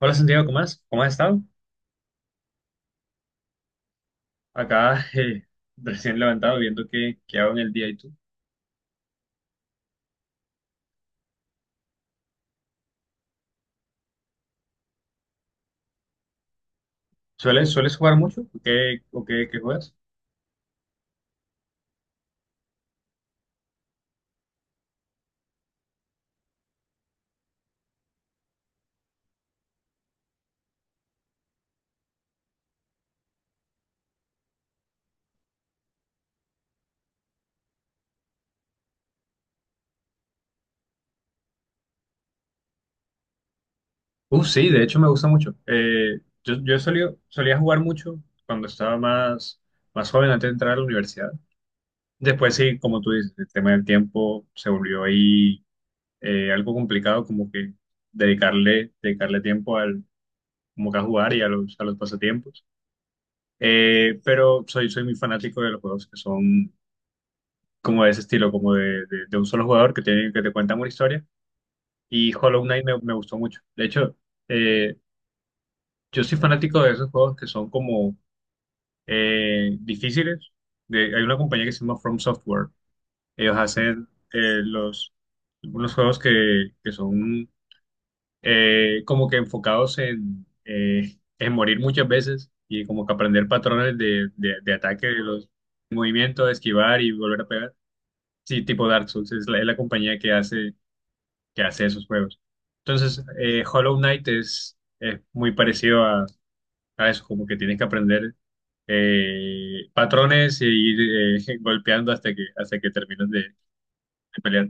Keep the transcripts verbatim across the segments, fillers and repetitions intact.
Hola Santiago, ¿cómo has, cómo has estado? Acá eh, recién levantado viendo qué, qué hago en el día y tú. ¿Sueles, sueles jugar mucho? ¿O qué, o qué, qué juegas? Uh, sí, de hecho me gusta mucho. Eh, yo yo he solido- solía jugar mucho cuando estaba más, más joven antes de entrar a la universidad. Después sí, como tú dices, el tema del tiempo se volvió ahí eh, algo complicado como que dedicarle, dedicarle tiempo al, como que a jugar y a los, a los pasatiempos. Eh, pero soy, soy muy fanático de los juegos que son como de ese estilo, como de, de, de un solo jugador que, tiene, que te cuentan una historia. Y Hollow Knight me, me gustó mucho. De hecho, eh, yo soy fanático de esos juegos que son como eh, difíciles. De, hay una compañía que se llama From Software. Ellos hacen eh, los, unos juegos que, que son eh, como que enfocados en, eh, en morir muchas veces y como que aprender patrones de, de, de ataque de los movimientos, esquivar y volver a pegar. Sí, tipo Dark Souls, es la, es la compañía que hace que hace esos juegos. Entonces, eh, Hollow Knight es, es muy parecido a, a eso, como que tienes que aprender eh, patrones e ir eh, golpeando hasta que, hasta que terminas de, de pelear.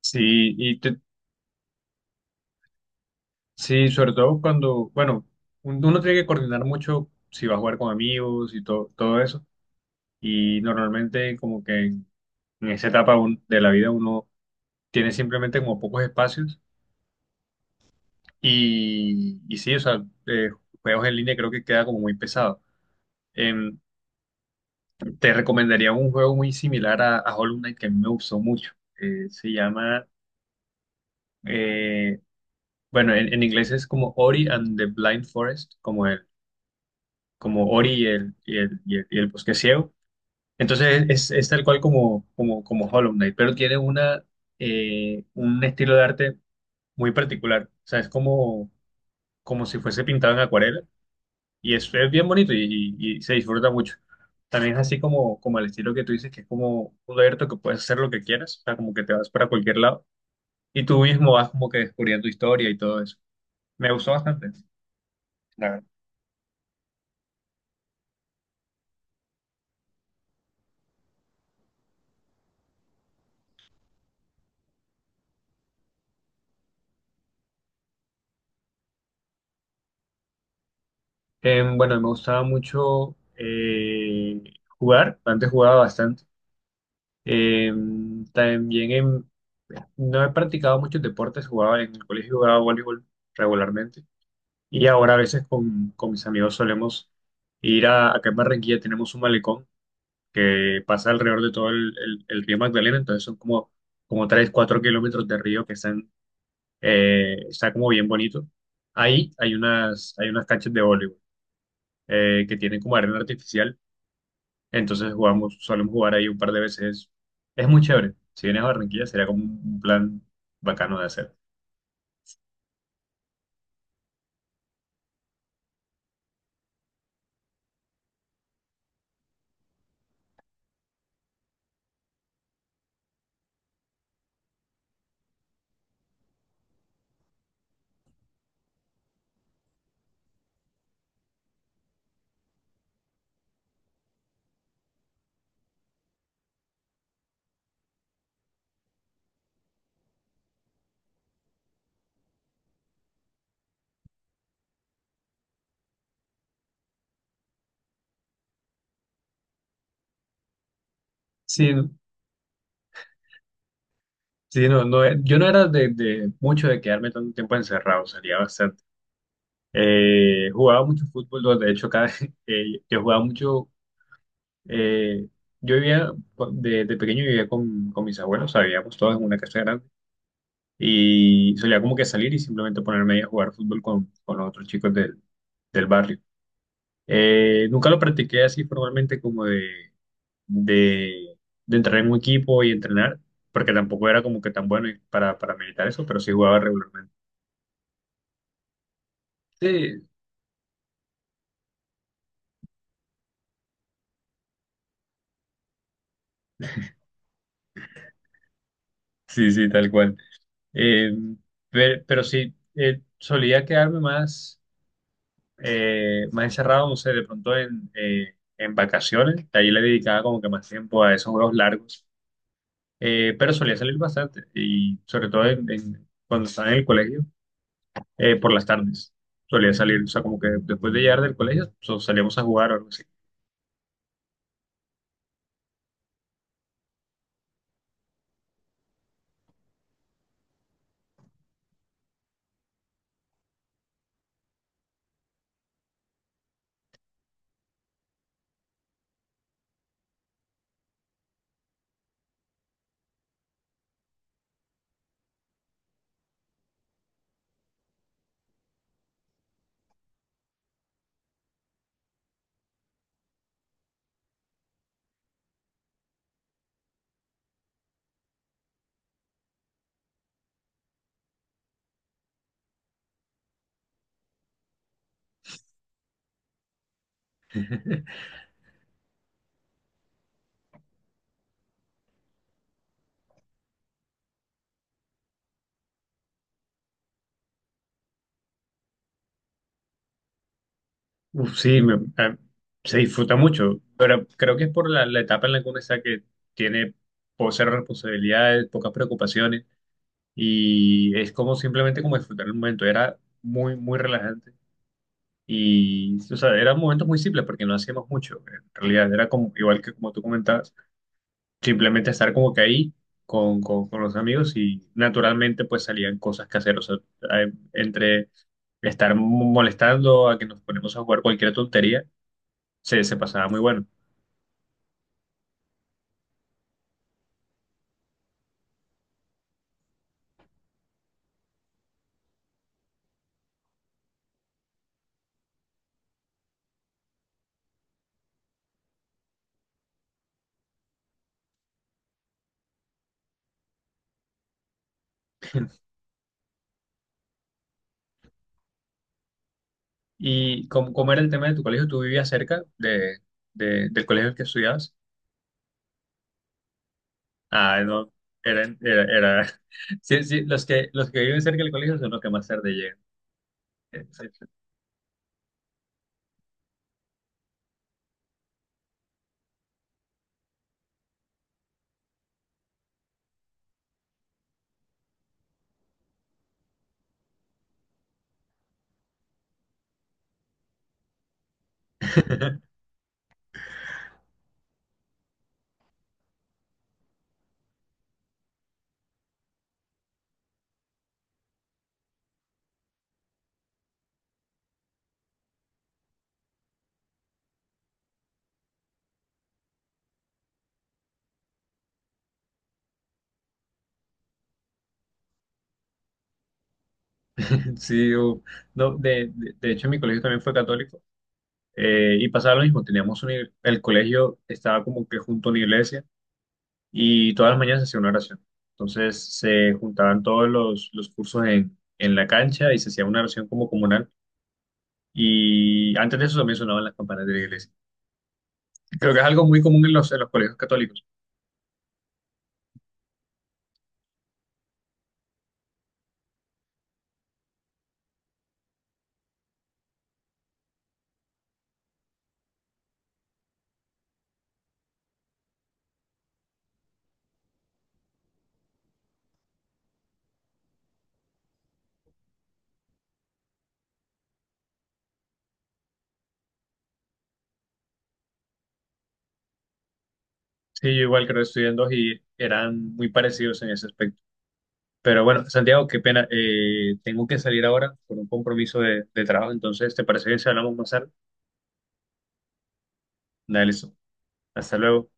Sí, y te- sí, sobre todo cuando, bueno, un- uno tiene que coordinar mucho si va a jugar con amigos y todo, todo eso. Y normalmente como que en, en esa etapa un- de la vida uno tiene simplemente como pocos espacios. Y, y sí, o sea, eh, juegos en línea creo que queda como muy pesado. Em, te recomendaría un juego muy similar a, a Hollow Knight que a mí me gustó mucho. Eh, se llama, eh, bueno, en, en inglés es como Ori and the Blind Forest, como el, como Ori y el, y el, y el, y el bosque ciego. Entonces es, es tal cual como, como, como Hollow Knight, pero tiene una, eh, un estilo de arte muy particular. O sea, es como, como si fuese pintado en acuarela. Y es, es bien bonito y, y- y se disfruta mucho. También es así como, como el estilo que tú dices, que es como abierto, que puedes hacer lo que quieras, o sea, como que te vas para cualquier lado y tú mismo vas como que descubriendo historia y todo eso. Me gustó bastante, la verdad. Em, bueno, me gustaba mucho eh, jugar, antes jugaba bastante. Em, también em, no he practicado muchos deportes, jugaba en el colegio, jugaba voleibol regularmente. Y ahora a veces con, con mis amigos solemos ir a, acá en Barranquilla tenemos un malecón que pasa alrededor de todo el, el- el río Magdalena, entonces son como, como tres cuatro kilómetros de río que están, eh, está como bien bonito. Ahí hay unas, hay unas canchas de voleibol eh, que tienen como arena artificial, entonces jugamos, solemos jugar ahí un par de veces. Es muy chévere. Si vienes a Barranquilla sería como un plan bacano de hacer. Sí, sí, no, no, yo no era de, de mucho de quedarme tanto tiempo encerrado, salía bastante. Eh, jugaba mucho fútbol, ¿no? De hecho, cada, eh, yo jugaba mucho. Eh, yo vivía, con- de, de pequeño vivía con, con mis abuelos, o sea, vivíamos todos en una casa grande y solía como que salir y simplemente ponerme ahí a jugar fútbol con, con los otros chicos del, del barrio. Eh, nunca lo practiqué así formalmente como de, de, de entrar en un equipo y entrenar, porque tampoco era como que tan bueno para, para militar eso, pero sí jugaba regularmente. Sí, sí, sí, tal cual. Eh, pe- pero, sí, eh, solía quedarme más, eh, más encerrado, no sé, de pronto en, eh, en vacaciones. De ahí le dedicaba como que más tiempo a esos juegos largos. Eh, pero solía salir bastante y sobre todo en- en- cuando estaba en el colegio, eh, por las tardes. Solía salir, o sea, como que después de llegar del colegio, so- salíamos a jugar o algo así. Uf, sí, me- a- se disfruta mucho, pero creo que es por la, la etapa en la que uno está que tiene po- cero responsabilidades, pocas preocupaciones y es como simplemente como disfrutar el momento. Era muy, muy relajante y, o sea, eran momentos muy simples porque no hacíamos mucho. En realidad era como, igual que como tú comentabas, simplemente estar como que ahí con, con, con los amigos y naturalmente pues salían cosas caseras. O sea, eh, entre estar molestando a que nos ponemos a jugar cualquier tontería, se, se pasaba muy bueno. ¿Y cómo, cómo era el tema de tu colegio? ¿Tú vivías cerca de, de- del colegio en el que estudiabas? Ah, no, eran, era, era. Sí, sí, los que, los que viven cerca del colegio son los que más tarde llegan. Eh, sí. Sí, u- no, de, de, de hecho mi colegio también fue católico, eh, y pasaba lo mismo, teníamos un, el colegio estaba como que junto a una iglesia y todas las mañanas se hacía una oración. Entonces se juntaban todos los, los cursos en, en la cancha y se hacía una oración como comunal y antes de eso también sonaban las campanas de la iglesia. Creo que es algo muy común en los, en los colegios católicos. Sí, yo igual creo que estudié en dos y eran muy parecidos en ese aspecto. Pero bueno, Santiago, qué pena, eh, tengo que salir ahora por un compromiso de, de trabajo, entonces, ¿te parece bien si hablamos más tarde? Dale, listo. Hasta luego.